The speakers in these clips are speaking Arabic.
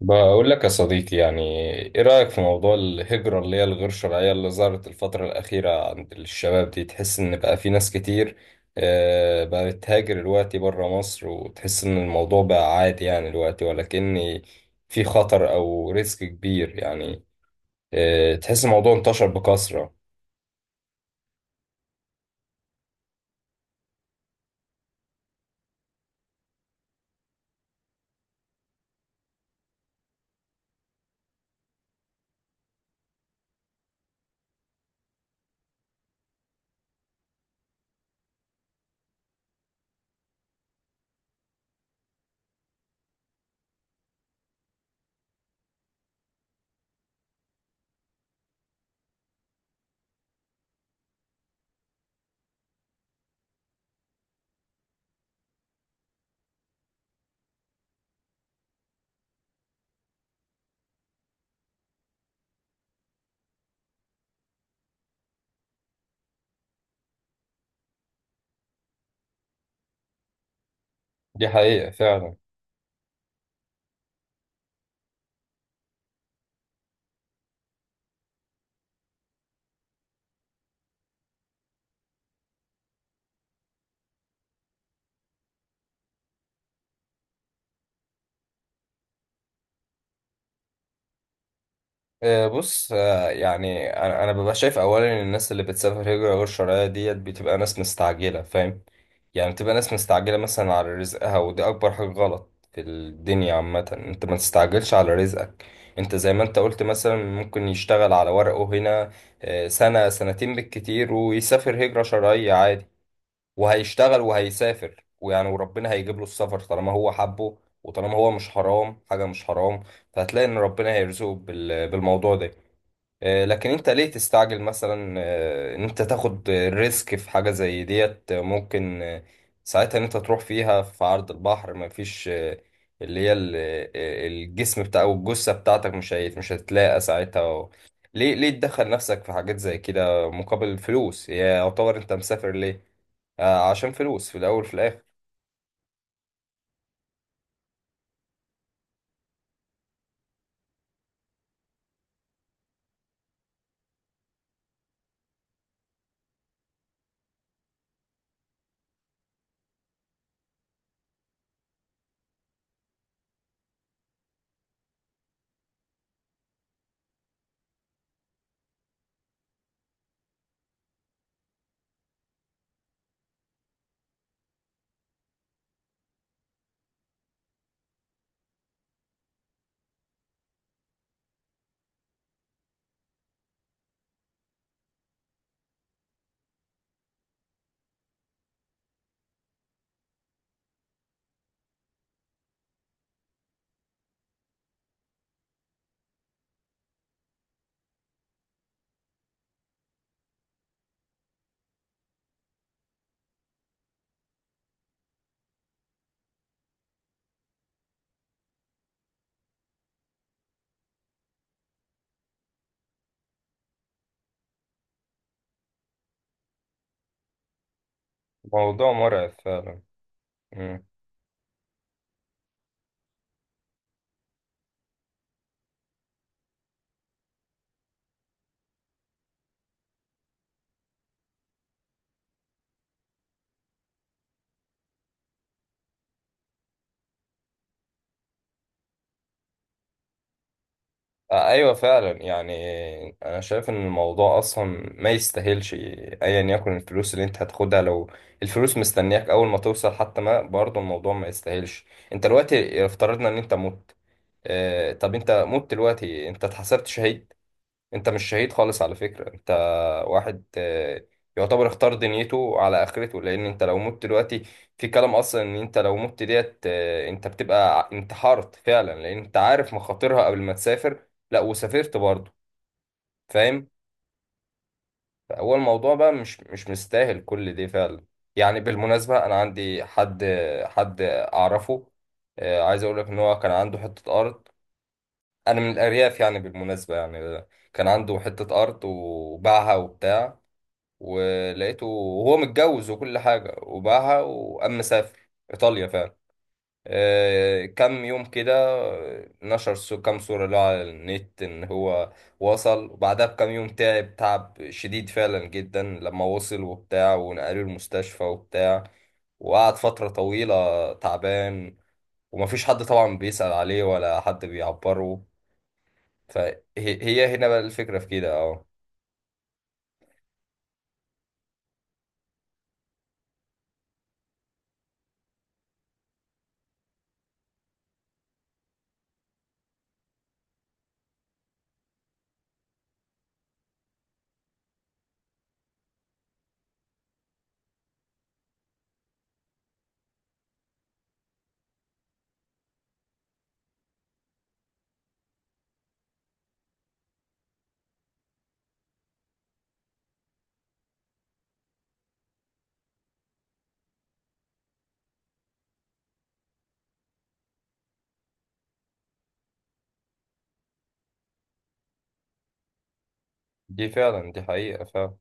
بقول لك يا صديقي يعني ايه رأيك في موضوع الهجرة اللي هي الغير شرعية اللي ظهرت الفترة الأخيرة عند الشباب؟ دي تحس إن بقى في ناس كتير بقت تهاجر دلوقتي بره مصر، وتحس إن الموضوع بقى عادي يعني دلوقتي، ولكن في خطر أو ريسك كبير يعني. تحس الموضوع انتشر بكثرة. دي حقيقة فعلا. بص، يعني أنا ببقى شايف اولا ان الناس اللي بتسافر هجره غير شرعيه ديت بتبقى ناس مستعجله، فاهم؟ يعني بتبقى ناس مستعجله مثلا على رزقها، ودي اكبر حاجه غلط في الدنيا عامه. انت ما تستعجلش على رزقك. انت زي ما انت قلت مثلا ممكن يشتغل على ورقه هنا سنه سنتين بالكتير، ويسافر هجره شرعيه عادي. وهيشتغل وهيسافر، ويعني وربنا هيجيب له السفر طالما هو حبه، وطالما هو مش حرام. حاجه مش حرام. فهتلاقي ان ربنا هيرزقه بالموضوع ده. لكن انت ليه تستعجل مثلا؟ ان انت تاخد ريسك في حاجة زي ديت، ممكن ساعتها ان انت تروح فيها في عرض البحر. مفيش اللي هي ال- الجسم بتاع او الجثة بتاعتك مش هتلاقى ساعتها ليه؟ ليه تدخل نفسك في حاجات زي كده مقابل الفلوس؟ هي يعتبر انت مسافر ليه؟ عشان فلوس في الاول في الاخر. موضوع مرعب فعلا. ايوه فعلا يعني. انا شايف ان الموضوع اصلا ما يستاهلش، ايا يكن الفلوس اللي انت هتاخدها. لو الفلوس مستنياك اول ما توصل حتى، ما برضه الموضوع ما يستاهلش. انت دلوقتي افترضنا ان انت مت. طب انت مت دلوقتي، انت اتحسبت شهيد؟ انت مش شهيد خالص على فكرة. انت واحد يعتبر اختار دنيته على اخرته. لان انت لو مت دلوقتي، في كلام اصلا ان انت لو مت ديت انت بتبقى انتحرت فعلا. لان انت عارف مخاطرها قبل ما تسافر، لا وسافرت برضه. فاهم؟ فهو الموضوع بقى مش مستاهل كل ده فعلا. يعني بالمناسبة انا عندي حد، حد اعرفه. عايز اقول لك ان هو كان عنده حتة ارض. انا من الارياف يعني بالمناسبة يعني. كان عنده حتة ارض وباعها وبتاع، ولقيته وهو متجوز وكل حاجة وباعها، وقام مسافر إيطاليا فعلا. كام يوم كده نشر كام صورة له على النت إن هو وصل. وبعدها بكام يوم تعب، تعب شديد فعلا جدا لما وصل وبتاع، ونقلوه المستشفى وبتاع. وقعد فترة طويلة تعبان، ومفيش حد طبعا بيسأل عليه ولا حد بيعبره. فهي هي هنا بقى الفكرة في كده، اه. دي فعلا، دي حقيقة فعلا.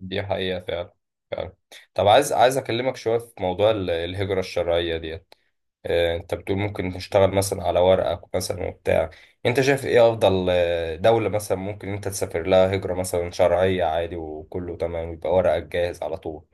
دي حقيقة فعلا. فعلا. طب عايز اكلمك شوية في موضوع الهجرة الشرعية ديت. انت بتقول ممكن تشتغل مثلا على ورقك مثلا وبتاع. انت شايف ايه افضل دولة مثلا ممكن انت تسافر لها هجرة مثلا شرعية عادي، وكله تمام، يبقى ورقك جاهز على طول؟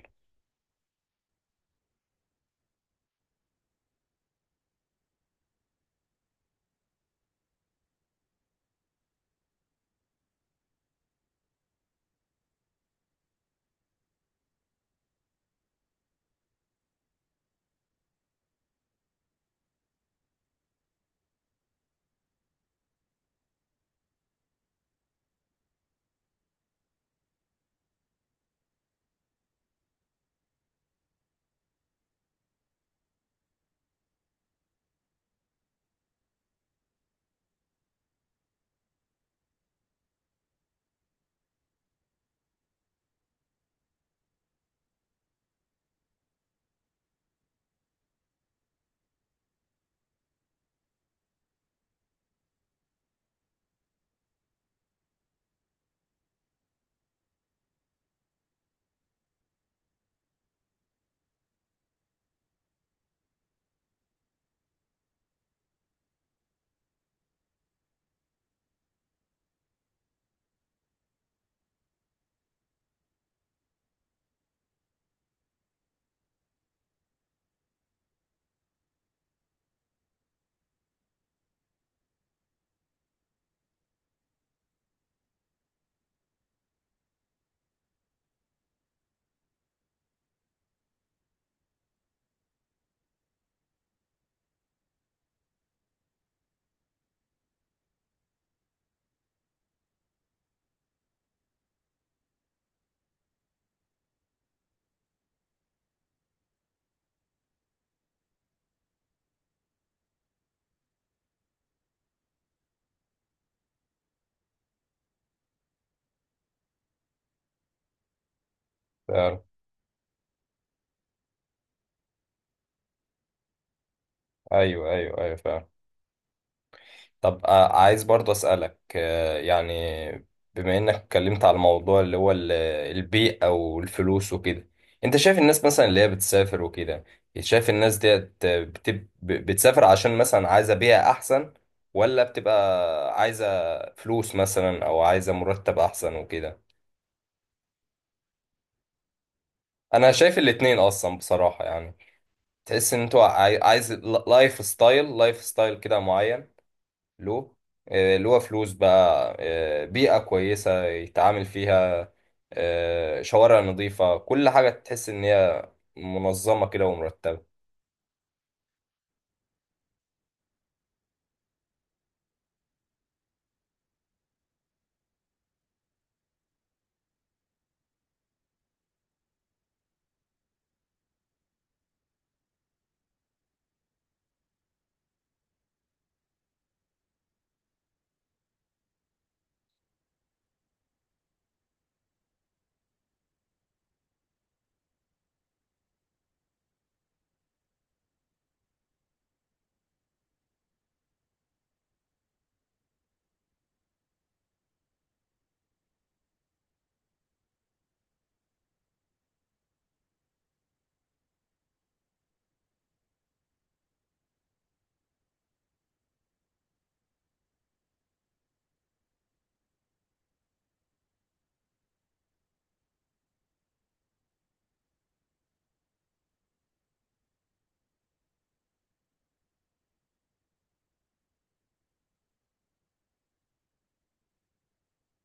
فعلا. ايوه ايوه ايوه فعلا. طب عايز برضه أسألك، يعني بما إنك اتكلمت على الموضوع اللي هو البيئة والفلوس وكده. أنت شايف الناس مثلا اللي هي بتسافر وكده، شايف الناس ديت بتسافر عشان مثلا عايزة بيئة أحسن، ولا بتبقى عايزة فلوس مثلا، أو عايزة مرتب أحسن وكده؟ أنا شايف الاتنين أصلا بصراحة يعني. تحس إن أنتوا عايز لايف ستايل، لايف ستايل كده معين له، اللي هو فلوس بقى، بيئة كويسة يتعامل فيها، شوارع نظيفة، كل حاجة تحس إن هي منظمة كده ومرتبة.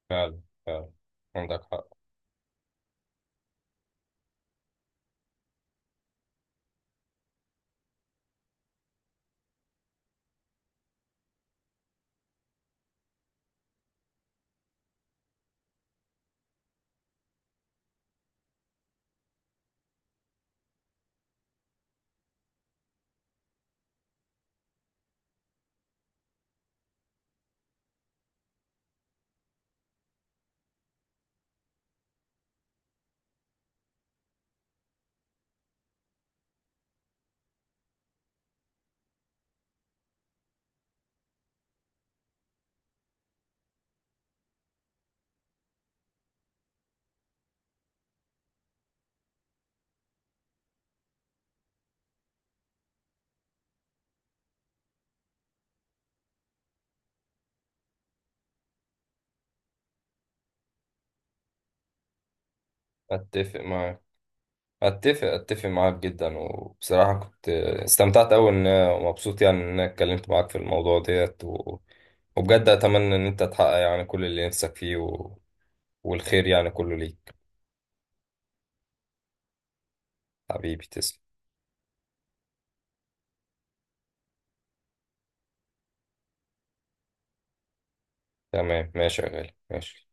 فعلا، فعلا، عندك حق. أتفق معاك، أتفق معاك جدا. وبصراحة كنت استمتعت أوي إن، مبسوط يعني إن أنا اتكلمت معاك في الموضوع ديت وبجد أتمنى إن أنت تحقق يعني كل اللي نفسك فيه والخير يعني كله ليك. حبيبي تسلم. تمام ماشي يا غالي، ماشي.